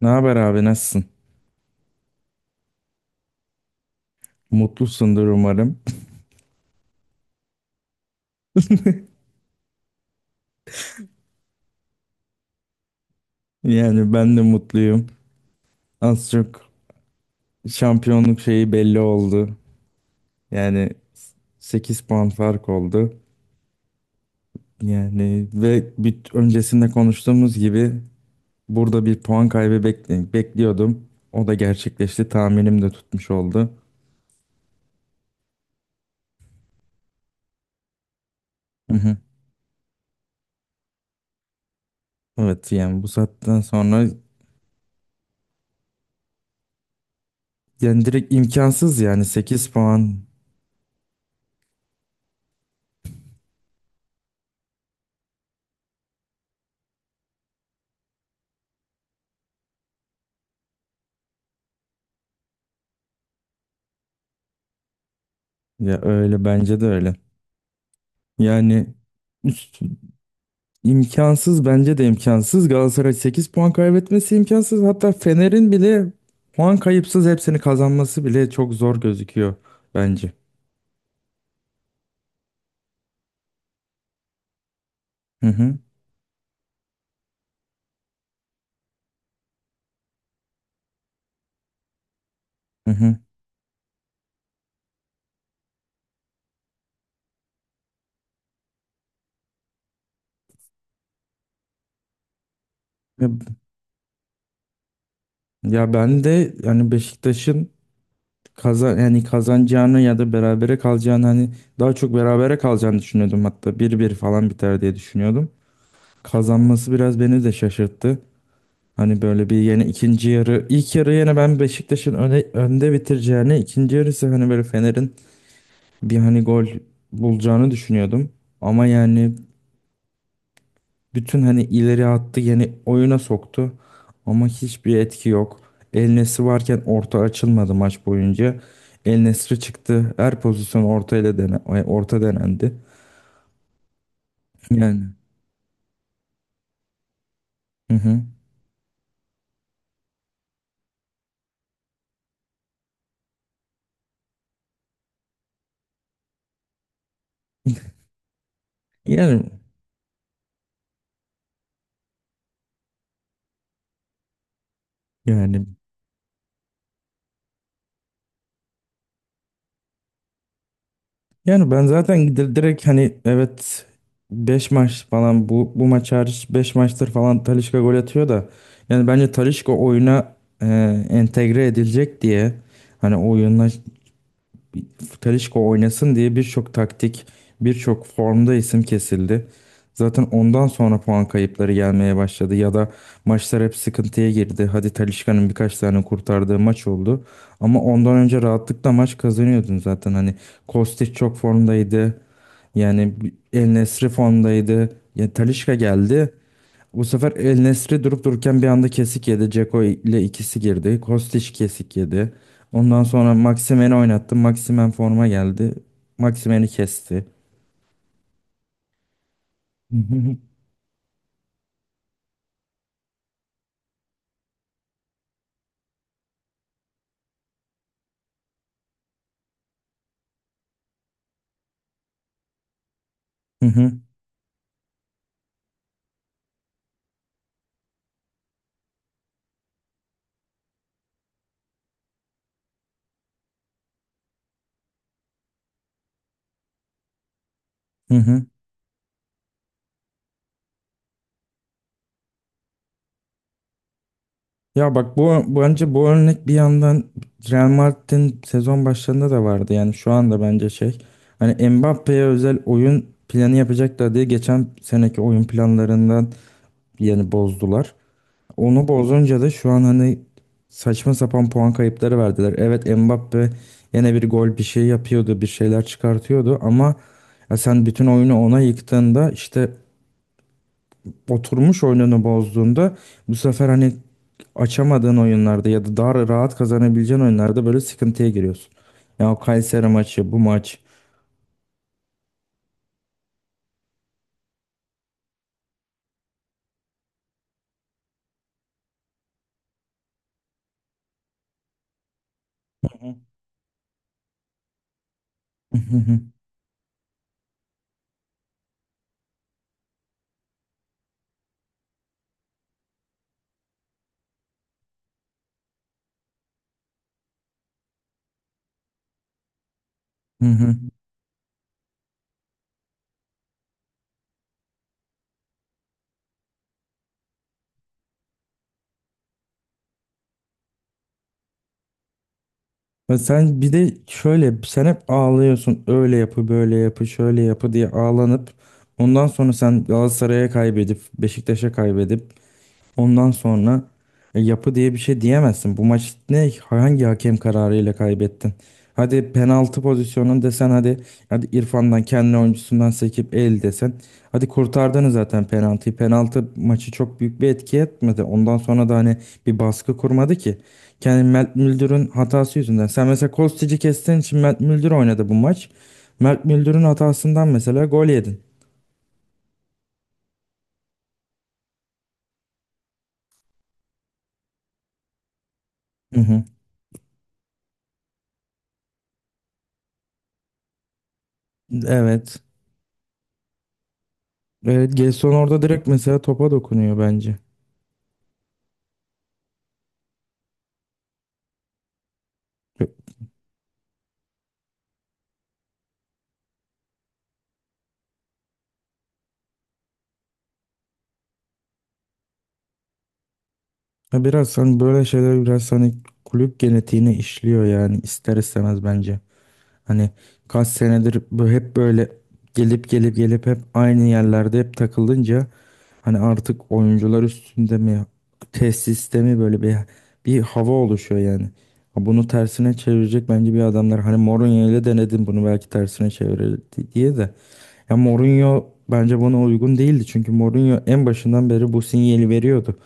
Ne haber abi nasılsın? Mutlusundur umarım. Yani ben de mutluyum. Az çok şampiyonluk şeyi belli oldu. Yani 8 puan fark oldu. Yani ve bir öncesinde konuştuğumuz gibi burada bir puan kaybı bekliyordum. O da gerçekleşti. Tahminim de tutmuş oldu. Hı hı. Evet yani bu saatten sonra yani direkt imkansız yani 8 puan. Ya öyle, bence de öyle. Yani üst- İmkansız bence de imkansız. Galatasaray 8 puan kaybetmesi imkansız. Hatta Fener'in bile puan kayıpsız hepsini kazanması bile çok zor gözüküyor bence. Hı hı, hı hı. Ya, ya ben de yani Beşiktaş'ın yani kazanacağını ya da berabere kalacağını, hani daha çok berabere kalacağını düşünüyordum, hatta 1-1 falan biter diye düşünüyordum. Kazanması biraz beni de şaşırttı. Hani böyle bir yeni ikinci yarı ilk yarı yine ben Beşiktaş'ın önde bitireceğini, ikinci yarısı hani böyle Fener'in bir hani gol bulacağını düşünüyordum. Ama yani bütün hani ileri attı, yani oyuna soktu. Ama hiçbir etki yok. El Nesri varken orta açılmadı maç boyunca. El Nesri çıktı. Her pozisyon orta ile orta denendi. Yani. Hı hı. Yani yani Yani ben zaten direkt hani evet, 5 maç falan, bu maç hariç 5 maçtır falan Talisca gol atıyor da, yani bence Talisca oyuna e, entegre edilecek diye, hani oyunla Talisca oynasın diye birçok taktik, birçok formda isim kesildi. Zaten ondan sonra puan kayıpları gelmeye başladı ya da maçlar hep sıkıntıya girdi. Hadi Talisca'nın birkaç tane kurtardığı maç oldu. Ama ondan önce rahatlıkla maç kazanıyordun zaten. Hani Kostic çok formdaydı. Yani El Nesri formdaydı. Ya Talisca geldi. Bu sefer El Nesri durup dururken bir anda kesik yedi. Dzeko ile ikisi girdi. Kostić kesik yedi. Ondan sonra Maximen'i oynattı. Maximen forma geldi. Maximen'i kesti. Hı hı. Hı hı. Hı hı. Ya bak, bu bence bu örnek bir yandan Real Madrid'in sezon başlarında da vardı. Yani şu anda bence şey, hani Mbappe'ye özel oyun planı yapacaklar diye geçen seneki oyun planlarından yani bozdular. Onu bozunca da şu an hani saçma sapan puan kayıpları verdiler. Evet, Mbappe yine bir gol bir şey yapıyordu, bir şeyler çıkartıyordu ama ya sen bütün oyunu ona yıktığında, işte oturmuş oyununu bozduğunda, bu sefer hani açamadığın oyunlarda ya da daha rahat kazanabileceğin oyunlarda böyle sıkıntıya giriyorsun. Ya o Kayseri maçı, bu maç. Ya sen bir de şöyle, sen hep ağlıyorsun. Öyle yapı, böyle yapı, şöyle yapı diye ağlanıp ondan sonra sen Galatasaray'a kaybedip Beşiktaş'a kaybedip ondan sonra yapı diye bir şey diyemezsin. Bu maç ne hangi hakem kararıyla kaybettin? Hadi penaltı pozisyonun desen, hadi İrfan'dan kendi oyuncusundan sekip el desen. Hadi kurtardınız zaten penaltıyı. Penaltı maçı çok büyük bir etki etmedi. Ondan sonra da hani bir baskı kurmadı ki. Kendi Mert Müldür'ün hatası yüzünden. Sen mesela Kostic'i kestiğin için Mert Müldür oynadı bu maç. Mert Müldür'ün hatasından mesela gol yedin. Hı hı. Evet. Evet, Gelson orada direkt mesela topa dokunuyor bence. Ya biraz hani böyle şeyler biraz hani kulüp genetiğine işliyor yani ister istemez bence. Hani kaç senedir bu hep böyle gelip gelip gelip hep aynı yerlerde hep takılınca hani artık oyuncular üstünde mi, tesiste mi, böyle bir hava oluşuyor yani. Ha, bunu tersine çevirecek bence bir adamlar. Hani Mourinho ile denedim bunu, belki tersine çevirir diye de. Ya Mourinho bence buna uygun değildi. Çünkü Mourinho en başından beri bu sinyali veriyordu.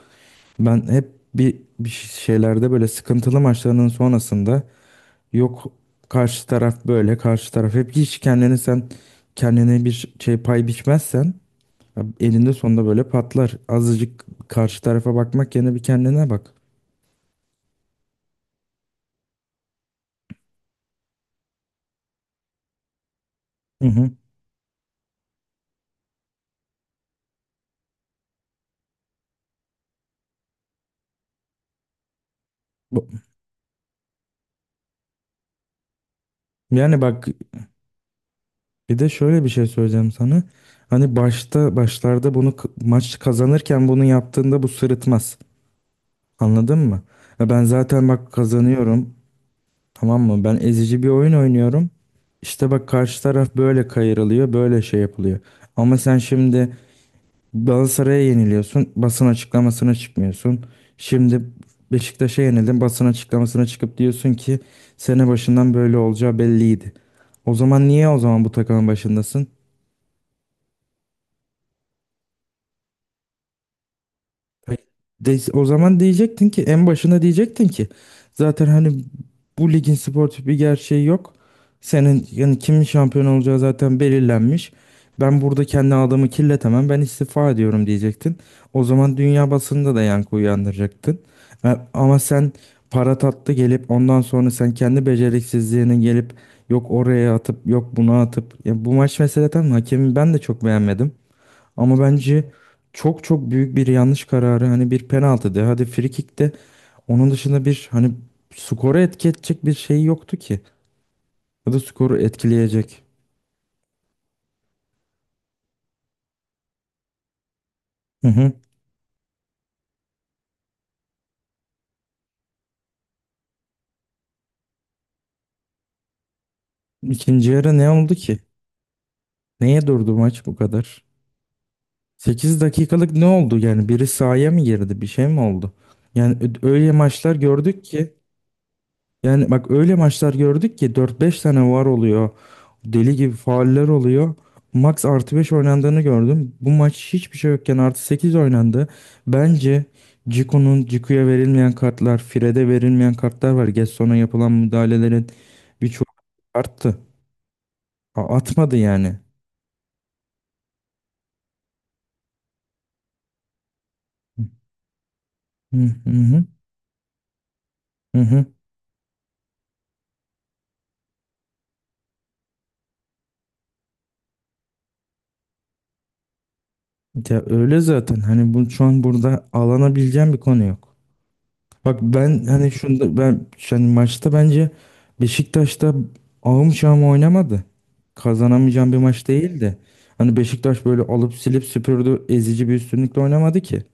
Ben hep bir şeylerde, böyle sıkıntılı maçlarının sonrasında, yok karşı taraf böyle, karşı taraf, hep hiç kendini, sen kendine bir şey pay biçmezsen ya eninde sonunda böyle patlar. Azıcık karşı tarafa bakmak yerine bir kendine bak. Hı hı. Bu- Yani bak, bir de şöyle bir şey söyleyeceğim sana. Hani başlarda bunu maç kazanırken bunu yaptığında bu sırıtmaz. Anladın mı? Ya ben zaten bak kazanıyorum. Tamam mı? Ben ezici bir oyun oynuyorum. İşte bak karşı taraf böyle kayırılıyor, böyle şey yapılıyor. Ama sen şimdi Galatasaray'a yeniliyorsun, basın açıklamasına çıkmıyorsun. Şimdi Beşiktaş'a yenildin, basın açıklamasına çıkıp diyorsun ki sene başından böyle olacağı belliydi. O zaman niye, o zaman bu takımın başındasın? Hayır. De, o zaman diyecektin ki, en başına diyecektin ki, zaten hani bu ligin sportif bir gerçeği yok. Senin yani kimin şampiyon olacağı zaten belirlenmiş. Ben burada kendi adamı kirletemem. Ben istifa ediyorum diyecektin. O zaman dünya basında da yankı uyandıracaktın. Ama sen para tatlı gelip ondan sonra sen kendi beceriksizliğini gelip yok oraya atıp, yok buna atıp. Ya bu maç meseleden hakemin ben de çok beğenmedim. Ama bence çok çok büyük bir yanlış kararı, hani bir penaltı de, hadi free kick de, onun dışında bir hani skoru etki edecek bir şey yoktu ki. Ya da skoru etkileyecek. Hı hı. İkinci yarı ne oldu ki? Neye durdu maç bu kadar? 8 dakikalık ne oldu yani? Biri sahaya mı girdi? Bir şey mi oldu? Yani öyle maçlar gördük ki. Yani bak öyle maçlar gördük ki dört beş tane var oluyor. Deli gibi fauller oluyor. Max +5 oynandığını gördüm. Bu maç hiçbir şey yokken +8 oynandı. Bence Cicu'ya verilmeyen kartlar, Fred'e verilmeyen kartlar var. Gesson'a yapılan müdahalelerin birçoğu arttı. Atmadı yani. Hı hı hı. Hı. Ya öyle zaten. Hani bu şu an burada alanabileceğim bir konu yok. Bak ben hani şunda, ben yani maçta bence Beşiktaş'ta ahım şahım oynamadı. Kazanamayacağım bir maç değildi. Hani Beşiktaş böyle alıp silip süpürdü, ezici bir üstünlükle oynamadı ki.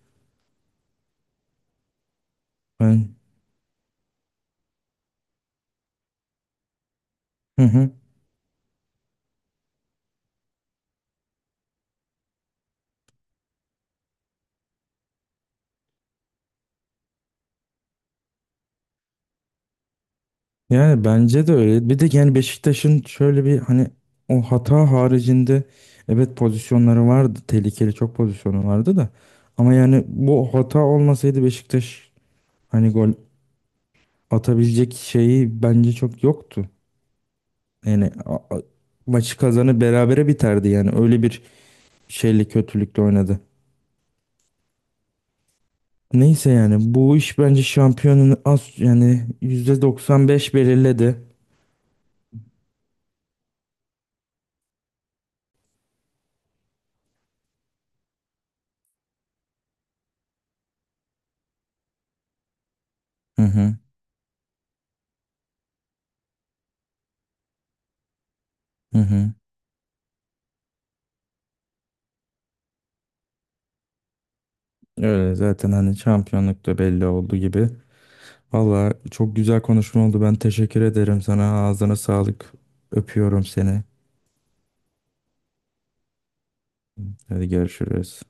Ben hı hı. Yani bence de öyle. Bir de yani Beşiktaş'ın şöyle bir hani, o hata haricinde evet pozisyonları vardı. Tehlikeli çok pozisyonu vardı da. Ama yani bu hata olmasaydı Beşiktaş hani gol atabilecek şeyi bence çok yoktu. Yani maçı berabere biterdi yani. Öyle bir şeyle kötülükle oynadı. Neyse yani bu iş bence şampiyonun az yani %95 belirledi. Hı hı, hı hı. Öyle zaten, hani şampiyonluk da belli oldu gibi. Valla çok güzel konuşma oldu. Ben teşekkür ederim sana. Ağzına sağlık. Öpüyorum seni. Hadi görüşürüz.